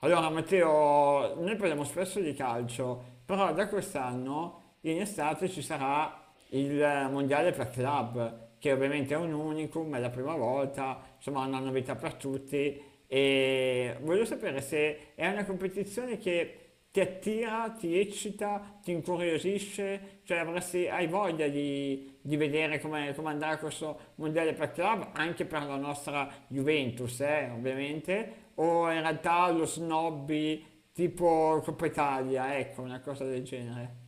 Allora, Matteo, noi parliamo spesso di calcio, però da quest'anno in estate ci sarà il mondiale per club, che ovviamente è un unicum, è la prima volta, insomma, è una novità per tutti. E voglio sapere se è una competizione che ti attira, ti eccita, ti incuriosisce, cioè avresti, hai voglia di vedere come, come andrà questo mondiale per club, anche per la nostra Juventus, ovviamente, o in realtà lo snobby tipo Coppa Italia, ecco, una cosa del genere.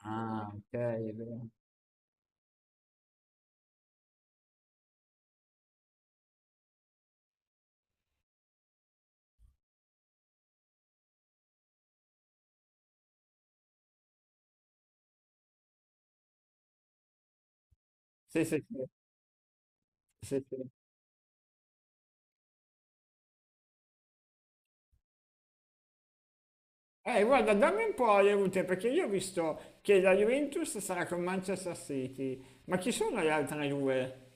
Ah, ok, è vero. Sì, sì, sì, sì, sì. Guarda, dammi un po' le route, perché io ho visto che la Juventus sarà con Manchester City, ma chi sono le altre due?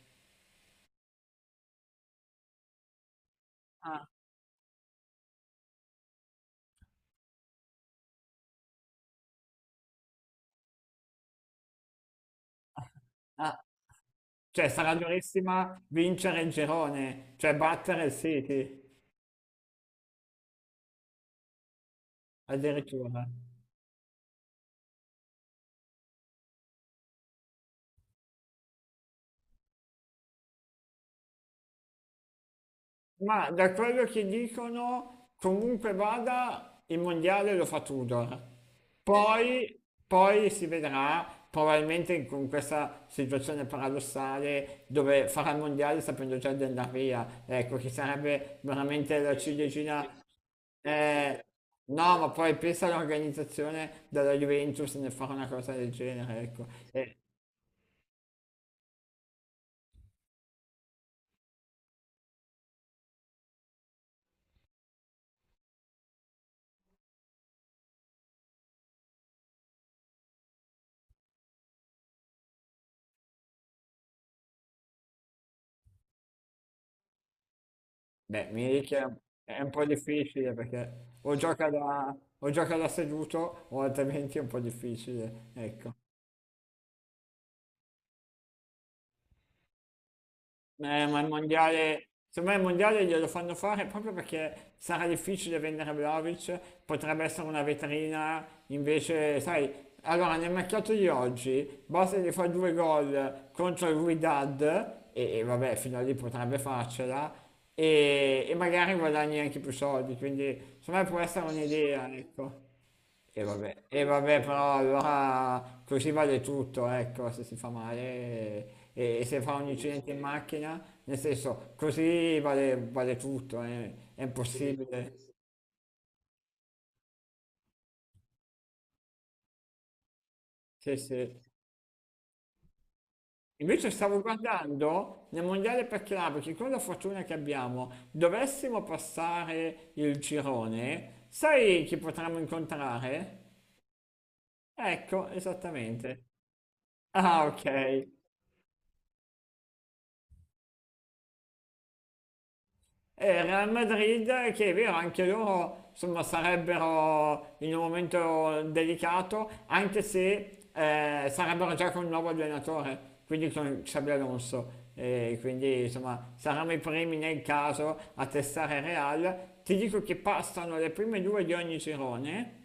Ah. Cioè, sarà durissima vincere il girone, cioè battere il City addirittura. Ma da quello che dicono, comunque vada, il mondiale lo fa Tudor. Poi, poi si vedrà, probabilmente con questa situazione paradossale dove farà il mondiale sapendo già di andare via. Ecco, che sarebbe veramente la ciliegina. Eh, no, ma poi pensa all'organizzazione della Juventus nel fare una cosa del genere, ecco. Eh, beh, Milik è un po' difficile perché o gioca da seduto o altrimenti è un po' difficile, ecco. Ma il mondiale, secondo me il mondiale glielo fanno fare proprio perché sarà difficile vendere Vlahovic, potrebbe essere una vetrina, invece, sai, allora nel mercato di oggi basta gli fa due gol contro il Wydad e vabbè, fino a lì potrebbe farcela. E magari guadagni anche più soldi, quindi secondo me può essere un'idea, ecco. E vabbè, però allora così vale tutto, ecco, se si fa male e se fa un incidente in macchina, nel senso, così vale, vale tutto, è impossibile. Sì, sì. Invece stavo guardando nel mondiale per club, che con la fortuna che abbiamo, dovessimo passare il girone, sai chi potremmo incontrare? Ecco, esattamente. Ah, ok. E Real Madrid, che è vero, anche loro insomma, sarebbero in un momento delicato, anche se sarebbero già con un nuovo allenatore, quindi con Xabi Alonso. E quindi insomma saranno i primi nel caso a testare Real. Ti dico che passano le prime due di ogni girone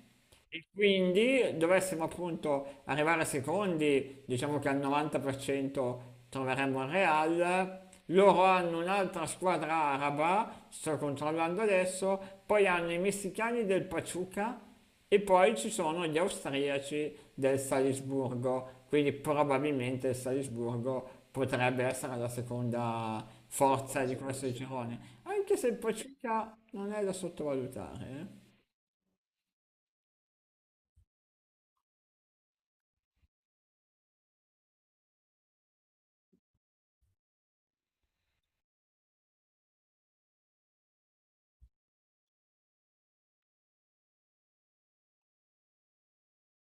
e quindi dovessimo appunto arrivare secondi, diciamo che al 90% troveremmo il Real, loro hanno un'altra squadra araba, sto controllando adesso, poi hanno i messicani del Pachuca e poi ci sono gli austriaci del Salisburgo, quindi probabilmente il Salisburgo potrebbe essere la seconda forza di forza, questo forse, girone, anche se il Pachuca non è da sottovalutare, eh.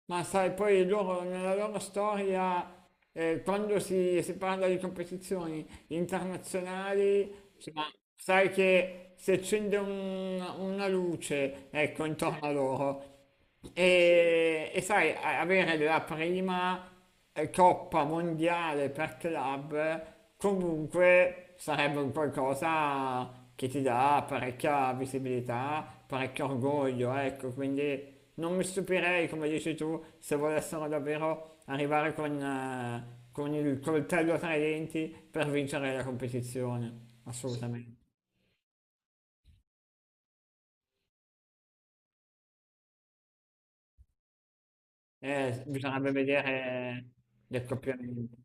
Ma sai, poi loro nella loro storia, quando si parla di competizioni internazionali, insomma, sai che si accende una luce, ecco, intorno a loro. E sai, avere la prima coppa mondiale per club comunque sarebbe un qualcosa che ti dà parecchia visibilità, parecchio orgoglio, ecco, quindi non mi stupirei, come dici tu, se volessero davvero arrivare con il coltello tra i denti per vincere la competizione, assolutamente. Bisognerebbe vedere gli accoppiamenti.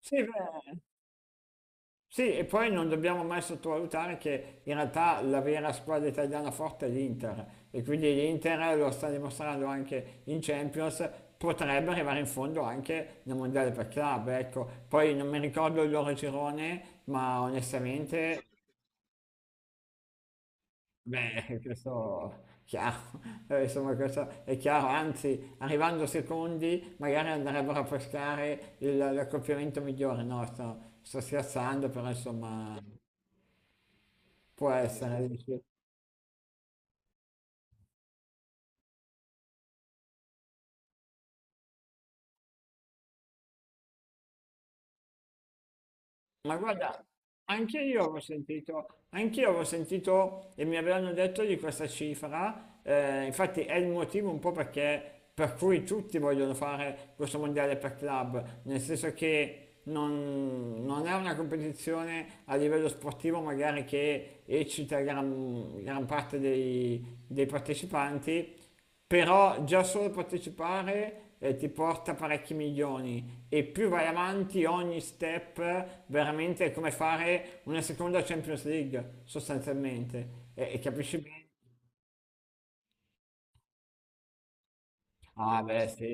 Sì, beh, sì, e poi non dobbiamo mai sottovalutare che in realtà la vera squadra italiana forte è l'Inter e quindi l'Inter lo sta dimostrando anche in Champions, potrebbe arrivare in fondo anche nel mondiale per club, ecco. Poi non mi ricordo il loro girone, ma onestamente, beh, questo è chiaro. Insomma, questo è chiaro, anzi, arrivando secondi magari andrebbero a pescare l'accoppiamento migliore, no, sto scherzando, però insomma... Può essere, dici. Ma guarda, anche io avevo sentito, anche io avevo sentito e mi avevano detto di questa cifra, infatti è il motivo un po' perché, per cui tutti vogliono fare questo mondiale per club, nel senso che non, non è una competizione a livello sportivo magari che eccita gran, gran parte dei partecipanti, però già solo partecipare ti porta parecchi milioni e più vai avanti ogni step veramente è come fare una seconda Champions League sostanzialmente e capisci bene? Ah beh sì,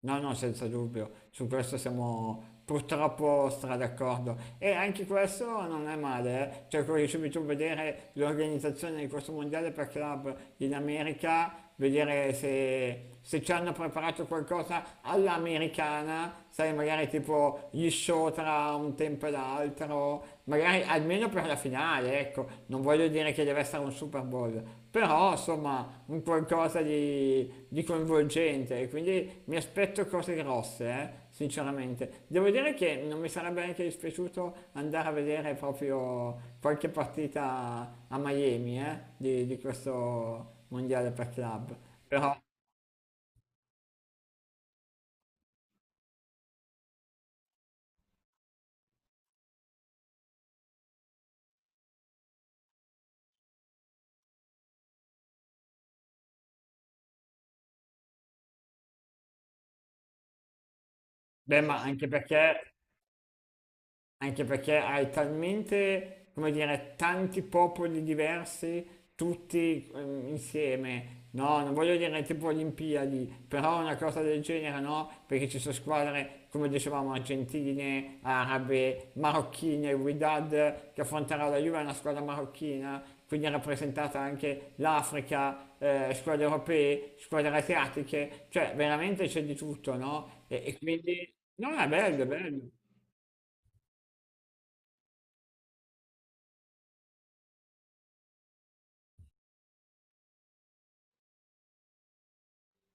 no, no, senza dubbio, su questo siamo purtroppo stra d'accordo. E anche questo non è male, eh. Cioè, come dicevi tu, vedere l'organizzazione di questo mondiale per club in America, vedere se, se ci hanno preparato qualcosa all'americana, sai, magari tipo gli show tra un tempo e l'altro, magari almeno io per la finale, ecco, non voglio dire che deve essere un Super Bowl, però insomma un qualcosa di coinvolgente, quindi mi aspetto cose grosse, sinceramente. Devo dire che non mi sarebbe neanche dispiaciuto andare a vedere proprio qualche partita a Miami, di questo mondiale per club. Però, beh, ma anche perché anche perché hai talmente, come dire, tanti popoli diversi, tutti insieme. No, non voglio dire tipo Olimpiadi, però una cosa del genere no, perché ci sono squadre, come dicevamo, argentine, arabe, marocchine, il Wydad che affronterà la Juve è una squadra marocchina, quindi è rappresentata anche l'Africa, squadre europee, squadre asiatiche, cioè veramente c'è di tutto, no? E quindi no, è bello, è bello.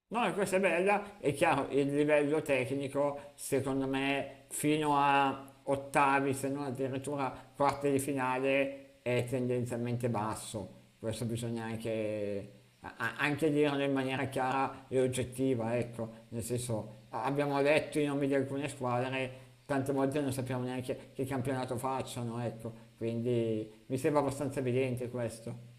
No, questa è bella, è chiaro, il livello tecnico secondo me fino a ottavi, se non addirittura quarti di finale, è tendenzialmente basso. Questo bisogna anche, anche dirlo in maniera chiara e oggettiva, ecco, nel senso abbiamo letto i nomi di alcune squadre, tante volte non sappiamo neanche che campionato facciano, ecco, quindi mi sembra abbastanza evidente questo.